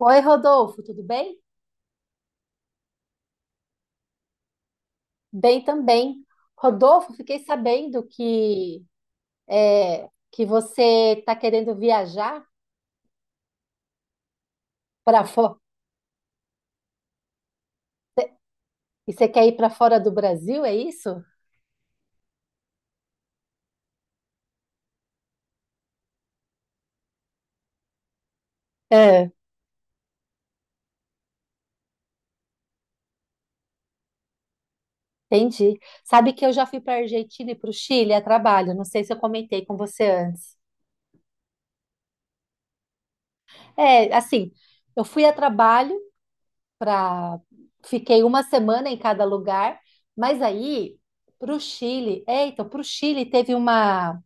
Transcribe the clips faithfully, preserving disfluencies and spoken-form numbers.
Oi, Rodolfo, tudo bem? Bem também. Rodolfo, fiquei sabendo que é, que você está querendo viajar para fora e você quer ir para fora do Brasil, é isso? É. Entendi. Sabe que eu já fui para a Argentina e para o Chile a trabalho. Não sei se eu comentei com você antes. É, assim, eu fui a trabalho para fiquei uma semana em cada lugar, mas aí para o Chile, é, então para o Chile teve uma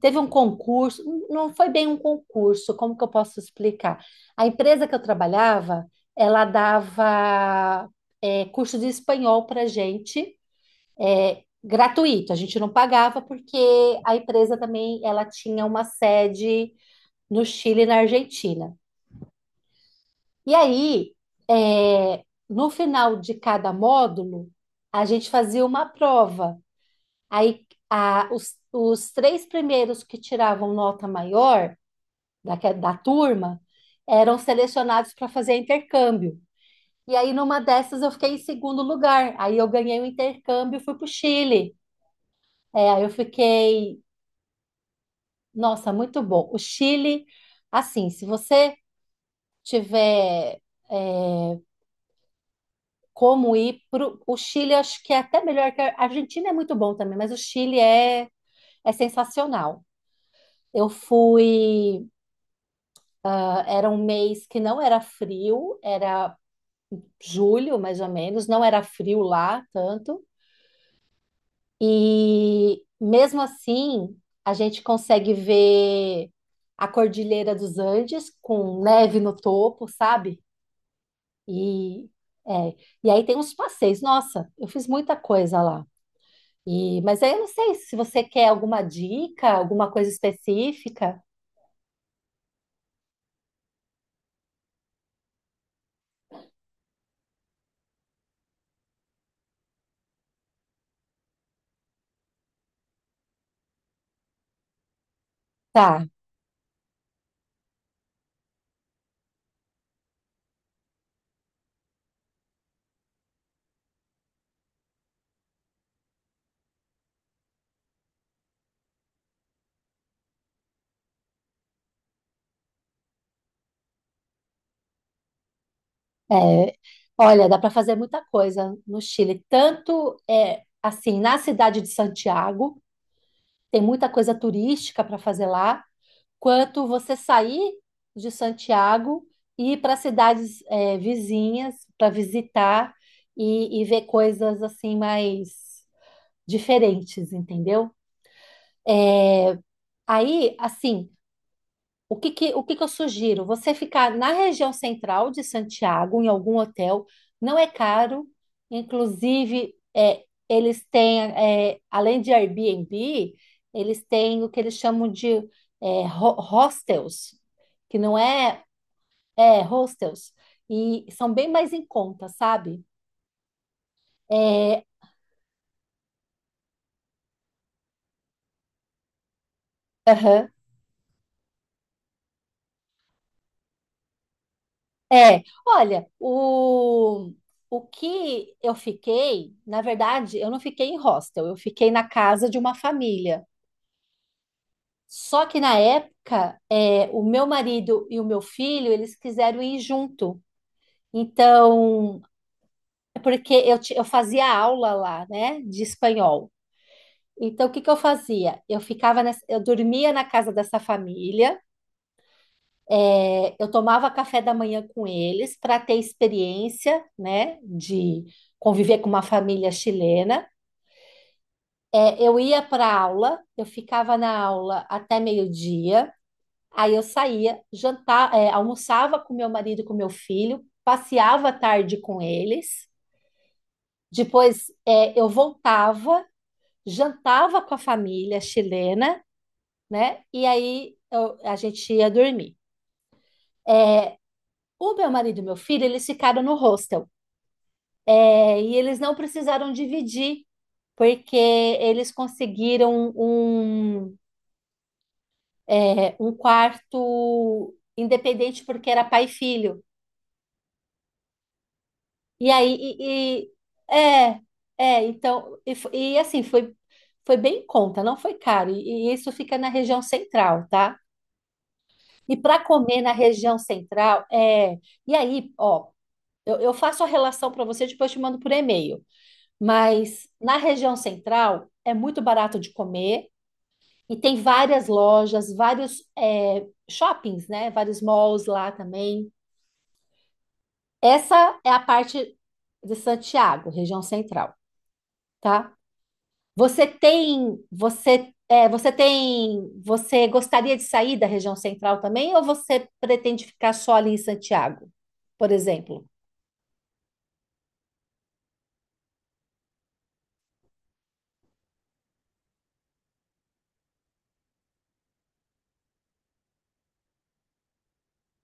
teve um concurso, não foi bem um concurso, como que eu posso explicar? A empresa que eu trabalhava, ela dava é, curso de espanhol para gente, é, gratuito. A gente não pagava porque a empresa também ela tinha uma sede no Chile e na Argentina. E aí, é, no final de cada módulo, a gente fazia uma prova. Aí, a- os, os três primeiros que tiravam nota maior da, da turma eram selecionados para fazer intercâmbio. E aí, numa dessas, eu fiquei em segundo lugar. Aí, eu ganhei o intercâmbio e fui para o Chile. É, aí eu fiquei, nossa, muito bom. O Chile, assim, se você tiver é, como ir para o Chile, acho que é até melhor que a a Argentina é muito bom também, mas o Chile é, é sensacional. Eu fui, ah, era um mês que não era frio, era julho, mais ou menos, não era frio lá tanto. E mesmo assim, a gente consegue ver a Cordilheira dos Andes com neve no topo, sabe? E é, e aí tem uns passeios. Nossa, eu fiz muita coisa lá. E, mas aí eu não sei se você quer alguma dica, alguma coisa específica. Tá. é, Olha, dá para fazer muita coisa no Chile, tanto é, assim na cidade de Santiago tem muita coisa turística para fazer lá, quanto você sair de Santiago e ir para cidades eh, vizinhas para visitar e, e ver coisas assim mais diferentes, entendeu? Aí, assim, O que que, o que que eu sugiro? Você ficar na região central de Santiago, em algum hotel, não é caro. Inclusive, é, eles têm, é, além de Airbnb, eles têm o que eles chamam de é, ho- hostels, que não é, é hostels, e são bem mais em conta, sabe? É, aham. É, olha, o, o que eu fiquei, na verdade, eu não fiquei em hostel, eu fiquei na casa de uma família. Só que na época, é, o meu marido e o meu filho, eles quiseram ir junto. Então, é porque eu, ti- eu fazia aula lá, né, de espanhol. Então, o que que eu fazia? Eu ficava, nessa- eu dormia na casa dessa família. É, eu tomava café da manhã com eles para ter experiência, né, de conviver com uma família chilena. É, eu ia para aula, eu ficava na aula até meio-dia, aí eu saía, jantar, é, almoçava com meu marido e com meu filho, passeava à tarde com eles, depois é, eu voltava, jantava com a família chilena, né? E aí eu- a gente ia dormir. O meu marido e meu filho, eles ficaram no hostel. É, e eles não precisaram dividir, porque eles conseguiram um, é, um quarto independente, porque era pai e filho. E aí, e, e- é, é, então, e, fo- e assim, foi, foi bem em conta, não foi caro. E, e isso fica na região central, tá? E para comer na região central, é. E aí, ó, eu, eu faço a relação para você, depois eu te mando por e-mail. Mas na região central é muito barato de comer e tem várias lojas, vários é, shoppings, né? Vários malls lá também. Essa é a parte de Santiago, região central, tá? Você tem, você, é, você tem, você gostaria de sair da região central também ou você pretende ficar só ali em Santiago, por exemplo?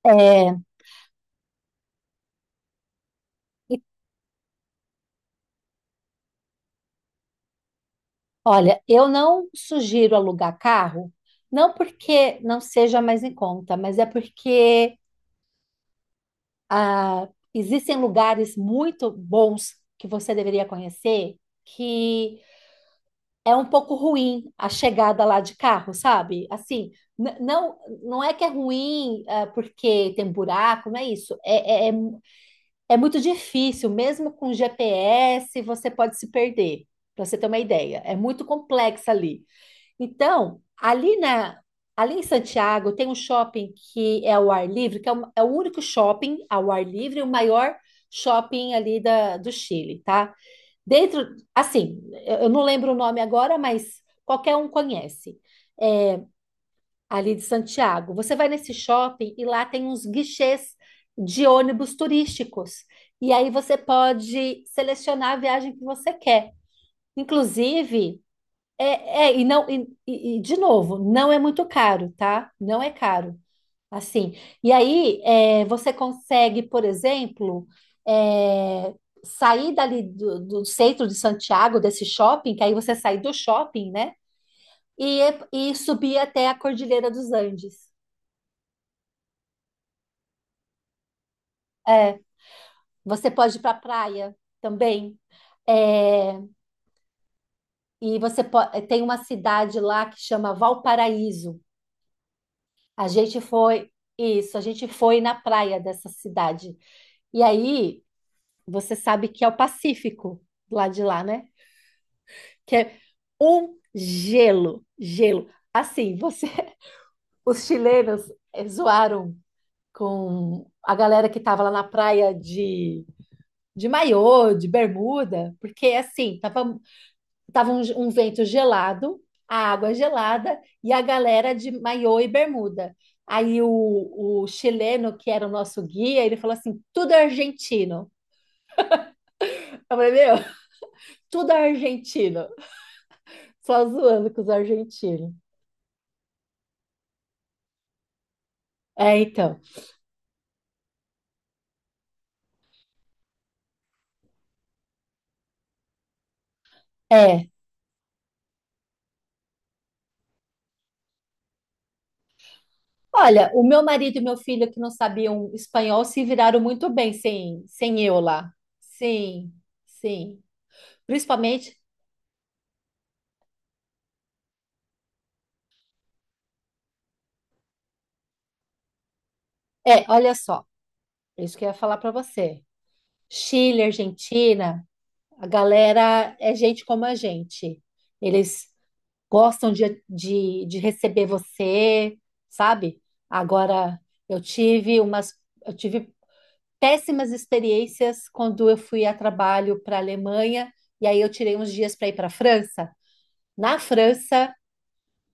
É, olha, eu não sugiro alugar carro, não porque não seja mais em conta, mas é porque ah, existem lugares muito bons que você deveria conhecer que é um pouco ruim a chegada lá de carro, sabe? Assim, n- não, não é que é ruim ah, porque tem buraco, não é isso. É, é, é é muito difícil, mesmo com G P S, você pode se perder, para você ter uma ideia. É muito complexo ali. Então, ali na, ali em Santiago tem um shopping que é ao ar livre, que é o, é o único shopping ao ar livre, o maior shopping ali da, do Chile, tá? Dentro, assim, eu eu não lembro o nome agora, mas qualquer um conhece. É, ali de Santiago. Você vai nesse shopping e lá tem uns guichês de ônibus turísticos. E aí você pode selecionar a viagem que você quer. Inclusive, é, é, e não, e, e- e, de novo, não é muito caro, tá? Não é caro, assim. E aí, é, você consegue, por exemplo, é, sair dali do, do centro de Santiago, desse shopping, que aí você sai do shopping, né? E, e subir até a Cordilheira dos Andes. É, você pode ir para a praia também. É, e você po- tem uma cidade lá que chama Valparaíso. A gente foi, isso, a gente foi na praia dessa cidade. E aí, você sabe que é o Pacífico, lá de lá, né? Que é um gelo, gelo. Assim, você, os chilenos eh, zoaram com a galera que tava lá na praia de, de maiô, de bermuda, porque assim, tava tava um, um vento gelado, a água gelada e a galera de maiô e bermuda. Aí o, o chileno, que era o nosso guia, ele falou assim: tudo é argentino. Eu falei: meu, tudo é argentino. Só zoando com os argentinos. É, então. É. Olha, o meu marido e meu filho, que não sabiam espanhol, se viraram muito bem sem, sem eu lá. Sim, sim. Principalmente, é, olha só, isso que eu ia falar para você. Chile, Argentina, a galera é gente como a gente. Eles gostam de, de, de receber você, sabe? Agora, eu tive umas, eu tive péssimas experiências quando eu fui a trabalho para a Alemanha e aí eu tirei uns dias para ir para a França. Na França,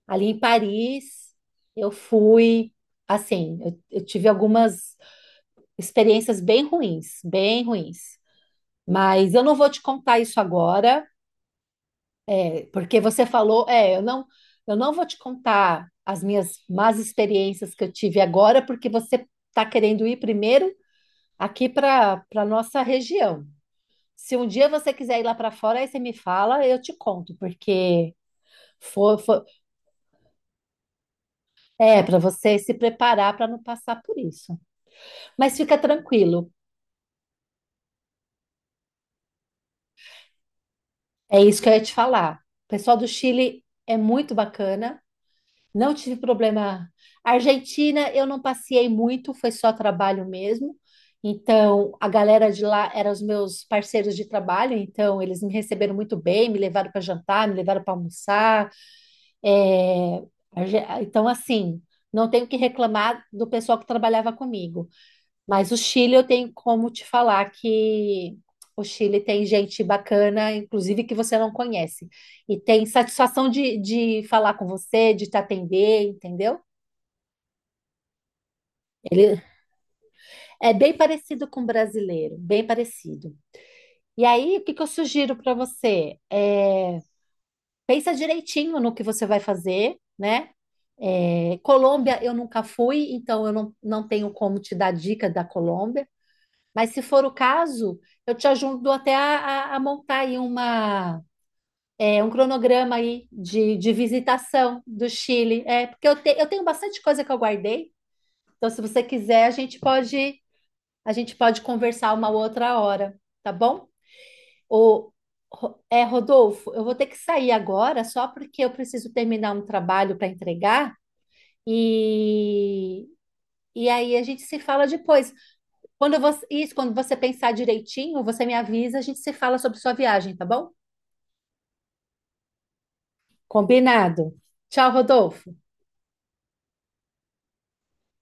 ali em Paris, eu fui assim, eu, eu tive algumas experiências bem ruins, bem ruins. Mas eu não vou te contar isso agora. Porque você falou, é, eu não, eu não vou te contar as minhas más experiências que eu tive agora, porque você está querendo ir primeiro aqui para para nossa região. Se um dia você quiser ir lá para fora, aí você me fala, eu te conto, porque for, for- é para você se preparar para não passar por isso. Mas fica tranquilo, é isso que eu ia te falar. O pessoal do Chile é muito bacana. Não tive problema. Argentina, eu não passeei muito, foi só trabalho mesmo. Então, a galera de lá eram os meus parceiros de trabalho, então eles me receberam muito bem, me levaram para jantar, me levaram para almoçar. É, Arge- Então, assim, não tenho o que reclamar do pessoal que trabalhava comigo. Mas o Chile eu tenho como te falar que o Chile tem gente bacana, inclusive que você não conhece. E tem satisfação de, de falar com você, de te atender, entendeu? Ele é bem parecido com o brasileiro, bem parecido. E aí, o que que eu sugiro para você? É, pensa direitinho no que você vai fazer, né? É, Colômbia eu nunca fui, então eu não, não tenho como te dar dica da Colômbia. Mas se for o caso, eu te ajudo até a, a- a montar aí uma, é, um cronograma aí de, de visitação do Chile. É, porque eu, te- eu tenho bastante coisa que eu guardei. Então, se você quiser, a gente pode a gente pode conversar uma outra hora, tá bom? O, Ro- é, Rodolfo, eu vou ter que sair agora só porque eu preciso terminar um trabalho para entregar e, e aí a gente se fala depois. Quando você, isso, quando você pensar direitinho, você me avisa, a gente se fala sobre sua viagem, tá bom? Combinado. Tchau, Rodolfo.